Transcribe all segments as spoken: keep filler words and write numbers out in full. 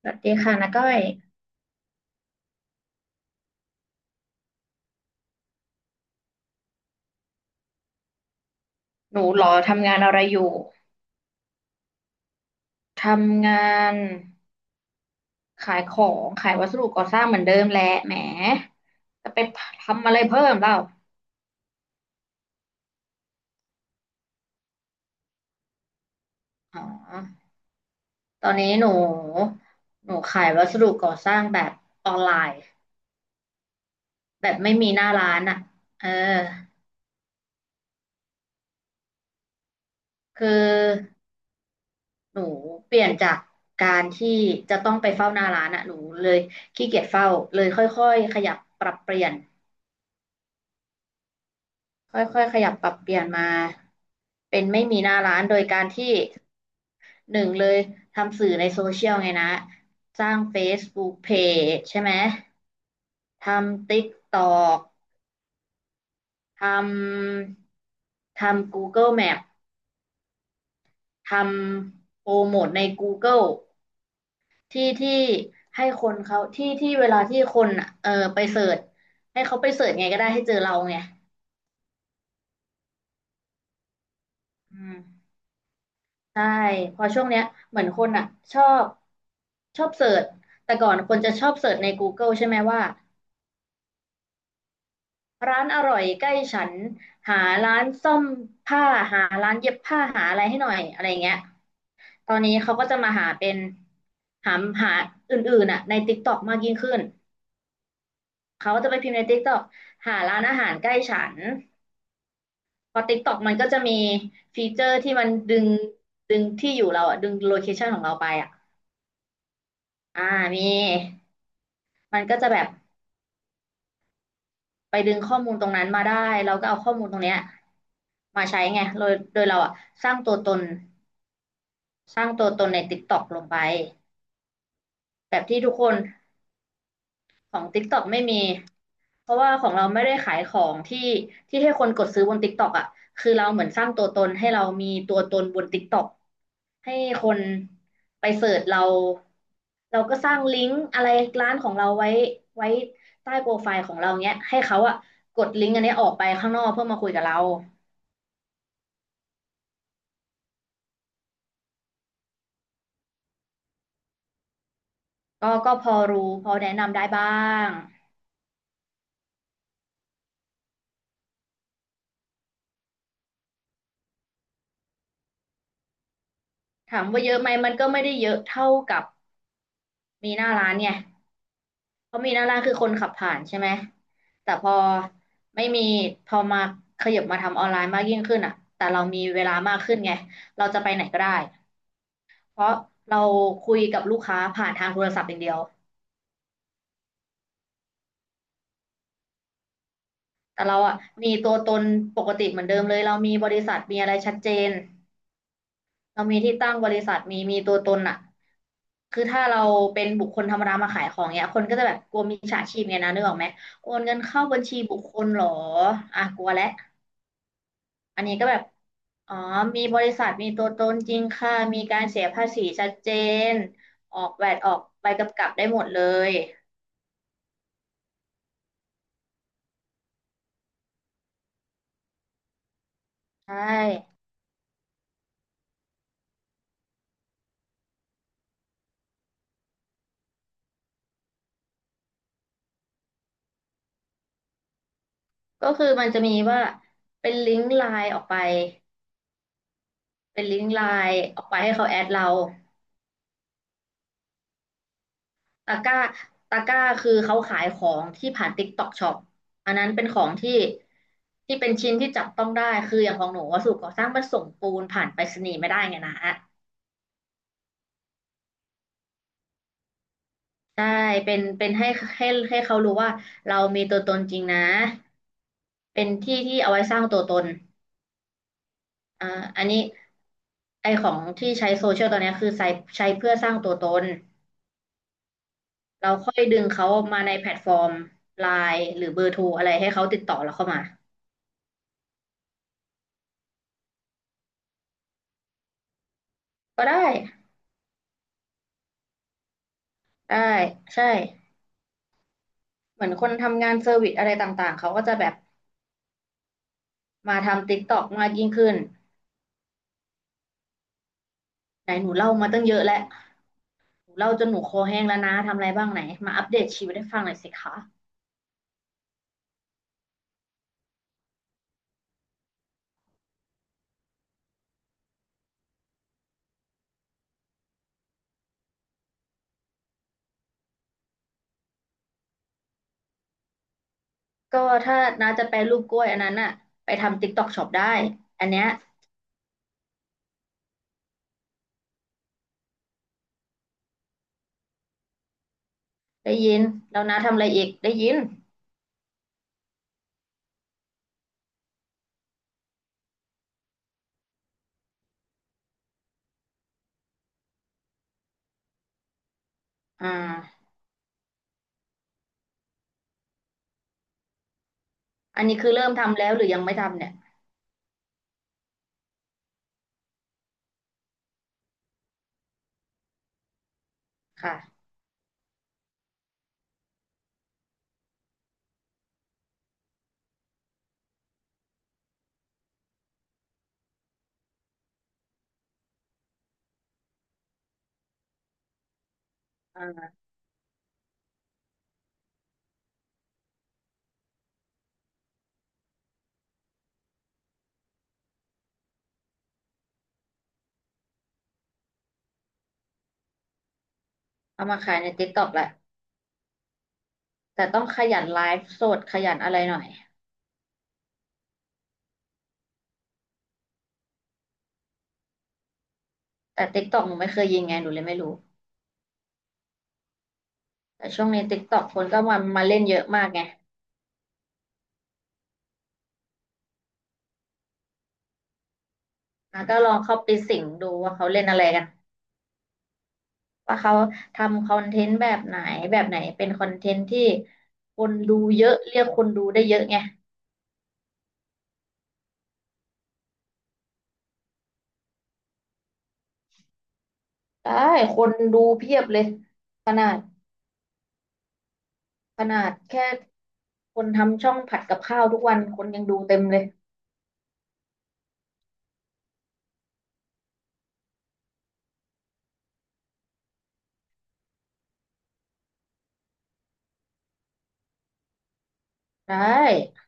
สวัสดีค่ะน้าก้อยหนูเหรอทำงานอะไรอยู่ ทำงานขายของขายวัสดุก่อสร้างเหมือนเดิมแหละแหมจะไปทำอะไรเพิ่มเปล่าอ๋อตอนนี้หนูหนูขายวัสดุก่อสร้างแบบออนไลน์แบบไม่มีหน้าร้านอ่ะเออคือหนูเปลี่ยนจากการที่จะต้องไปเฝ้าหน้าร้านอ่ะหนูเลยขี้เกียจเฝ้าเลยค่อยๆขยับปรับเปลี่ยน ค่อยๆ ขยับปรับเปลี่ยนมาเป็นไม่มีหน้าร้านโดยการที่หนึ่งเลยทำสื่อในโซเชียลไงนะสร้าง Facebook Page ใช่ไหมทำ TikTok ทำทำ Google Map ทำโปรโมทใน Google ที่ที่ให้คนเขาที่ที่เวลาที่คนอะเออไปเสิร์ชให้เขาไปเสิร์ชไงก็ได้ให้เจอเราไงอืม ใช่เพอช่วงเนี้ยเหมือนคนอ่ะชอบชอบเสิร์ชแต่ก่อนคนจะชอบเสิร์ชใน g o เกิ e ใช่ไหมว่าร้านอร่อยใกล้ฉันหาร้านซ่อมผ้าหาร้านเย็บผ้าหาอะไรให้หน่อยอะไรเงี้ยตอนนี้เขาก็จะมาหาเป็นหาหาอื่นๆอ่ะในติ๊กต็อกมากยิ่งขึ้นเขาก็จะไปพิมพ์ในติ๊กต็อกหาร้านอาหารใกล้ฉันพอติ๊กต็อกมันก็จะมีฟีเจอร์ที่มันดึงดึงที่อยู่เราอ่ะดึงโลเคชันของเราไปอ่ะอ่ามี มันก็จะแบบไปดึงข้อมูลตรงนั้นมาได้เราก็เอาข้อมูลตรงเนี้ยมาใช้ไงโดยโดยเราอะสร้างตัวตนสร้างตัวตนใน TikTok ลงไปแบบที่ทุกคนของ TikTok ไม่มีเพราะว่าของเราไม่ได้ขายของที่ที่ให้คนกดซื้อบน TikTok อะคือเราเหมือนสร้างตัวตนให้เรามีตัวตนบน TikTok ให้คนไปเสิร์ชเราเราก็สร้างลิงก์อะไรร้านของเราไว้ไว้ใต้โปรไฟล์ของเราเนี้ยให้เขาอะกดลิงก์อันเนี้ยออกไปข้างนอกเพื่อมาคุยกับเราก็ก็พอรู้พอแนะนำได้บ้างถามว่าเยอะไหมมันก็ไม่ได้เยอะเท่ากับมีหน้าร้านไงเพราะมีหน้าร้านคือคนขับผ่านใช่ไหมแต่พอไม่มีพอมาขยับมาทำออนไลน์มากยิ่งขึ้นอะแต่เรามีเวลามากขึ้นไงเราจะไปไหนก็ได้ เพราะเราคุยกับลูกค้าผ่านทางโทรศัพท์อย่างเดียวแต่เราอ่ะมีตัวตนปกติเหมือนเดิมเลย เรามีบริษัทมีอะไรชัดเจน เรามีที่ตั้งบริษัทมีมีตัวตนอ่ะคือถ้าเราเป็นบุคคลธรรมดามาขายของเนี้ยคนก็จะแบบกลัวมิจฉาชีพไงนะนึกออกไหมโอนเงินเข้าบัญชีบุคคลเหรออ่ะกลัวแล้ว อันนี้ก็แบบ อ๋อมีบริษัทมีตัวตนจริงค่ะมีการเสียภาษีชัดเจนออกแวดออกใบกำกับได้หมดเลยใช่ ก็คือมันจะมีว่าเป็นลิงก์ไลน์ออกไปเป็นลิงก์ไลน์ออกไปให้เขาแอดเราตะกร้าตะกร้าคือเขาขายของที่ผ่าน TikTok Shop อันนั้นเป็นของที่ที่เป็นชิ้นที่จับต้องได้คืออย่างของหนูวัสดุก่อสร้างมันส่งปูนผ่านไปรษณีย์ไม่ได้ไงนะใช่เป็นเป็นให้ให้ให้เขารู้ว่าเรามีตัวตนจริงนะเป็นที่ที่เอาไว้สร้างตัวตนอ่าอันนี้ไอของที่ใช้โซเชียลตอนเนี้ยคือใช้ใช้เพื่อสร้างตัวตน เราค่อยดึงเขามาในแพลตฟอร์มไลน์หรือเบอร์โทรอะไรให้เขาติดต่อเราเข้ามาก็ได้ได้ใช่เหมือนคนทำงานเซอร์วิสอะไรต่างๆเขาก็จะแบบมาทำ TikTok มากยิ่งขึ้นไหนหนูเล่ามาตั้งเยอะแล้วหนูเล่าจนหนูคอแห้งแล้วนะทำอะไรบ้างไหนมาอัปเดตชีวิตให้ฟังหน่อยสิคะก็ถ้าน้าจะแปรรูปกล้วยอันนั้นน่ะไปทำ TikTok Shop ได้อันเนี้ยได้ยินแล้วน้าทำอะไรอีกได้ยินอ่าอันนี้คือเริ่มทำแล้วหรือยังไม่ทำเนี่ยค่ะอ่าเอามาขายใน TikTok แหละ แต่ต้องขยันไลฟ์สดขยันอะไรหน่อยแต่ติ๊กต็อกหนูไม่เคยยิงไงหนูเลยไม่รู้แต่ช่วงนี้ติ๊กต็อกคนก็มามาเล่นเยอะมากไงอ่ะก็ลองเข้าไปสิงดูว่าเขาเล่นอะไรกันว่าเขาทำคอนเทนต์แบบไหนแบบไหนเป็นคอนเทนต์ที่คนดูเยอะเรียกคนดูได้เยอะไงได้คนดูเพียบเลยขนาดขนาดแค่คนทำช่องผัดกับข้าวทุกวันคนยังดูเต็มเลยได้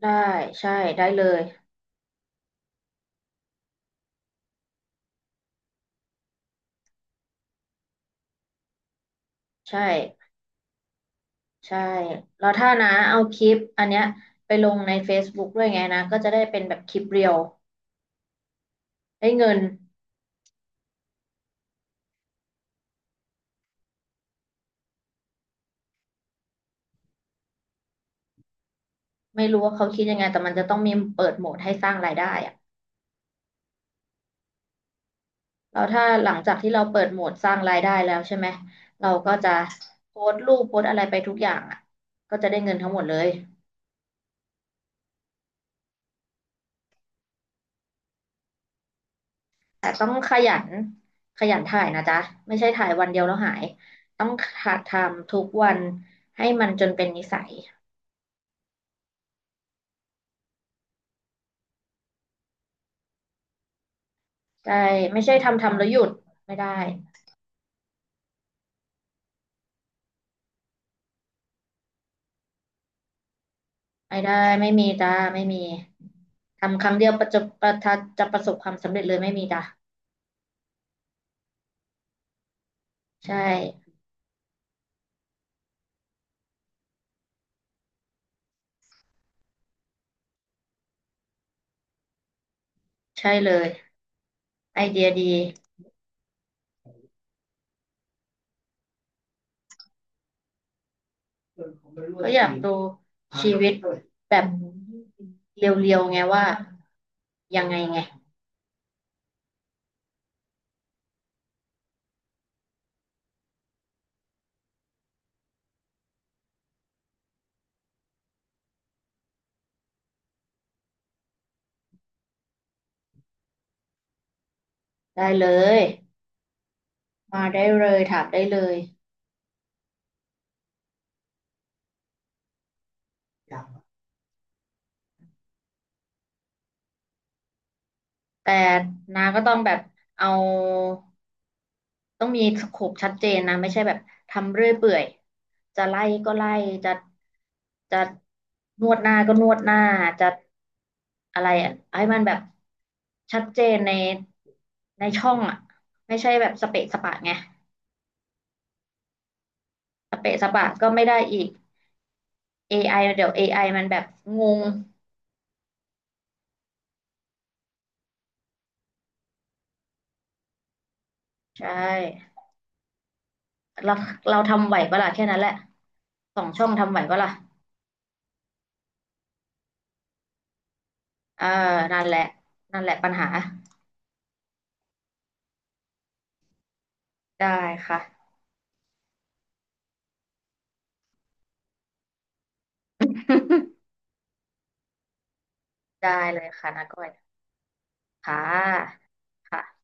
ได้ใช่ได้เลยใช่ ใช่แล้วถ้านะเอาคลิปอันเนี้ยไปลงใน Facebook ด้วยไงนะก็จะได้เป็นแบบคลิปเรียวได้เงินไม่รู้ว่าเขาคิดยังไงแต่มันจะต้องมีเปิดโหมดให้สร้างรายได้อะแล้วถ้าหลังจากที่เราเปิดโหมดสร้างรายได้แล้วใช่ไหมเราก็จะโพสต์รูปโพสต์อะไรไปทุกอย่างอ่ะก็จะได้เงินทั้งหมดเลยแต่ต้องขยันขยันถ่ายนะจ๊ะไม่ใช่ถ่ายวันเดียวแล้วหาย ต้องหัดทำทุกวันให้มันจนเป็นนิสัยใช่ไม่ใช่ทำทำแล้วหยุดไม่ได้ ไม่ได้ไม่มีจ้าไม่มีทำครั้งเดียวประจบประทัดจะประสบความสำเร็จเลยไม่มีจ้าใช่ใช่เลยไอเดียดีก็อยากดูชีวิตแบบเรียวๆไงว่ายังไงไงได้เลยมาได้เลยถามได้เลย แต่นาก็ต้องแบบเอาต้องมีสโคปชัดเจนนะไม่ใช่แบบทำเรื่อยเปื่อยจะไล่ก็ไล่จะจะนวดหน้าก็นวดหน้าจะอะไรอะให้มันแบบชัดเจนในในช่องอ่ะไม่ใช่แบบสเปะสปะไงสเปะสปะก็ไม่ได้อีก เอ ไอ เดี๋ยวเอไอมันแบบงงใช่เราเราทำไหวปะล่ะแค่นั้นแหละสองช่องทำไหวปะล่ะ เออนั่นแหละ นั่นแหละปัญหา ได้ค่ะ ได้เลยค่ะน้าก้อยค่ะค่ะ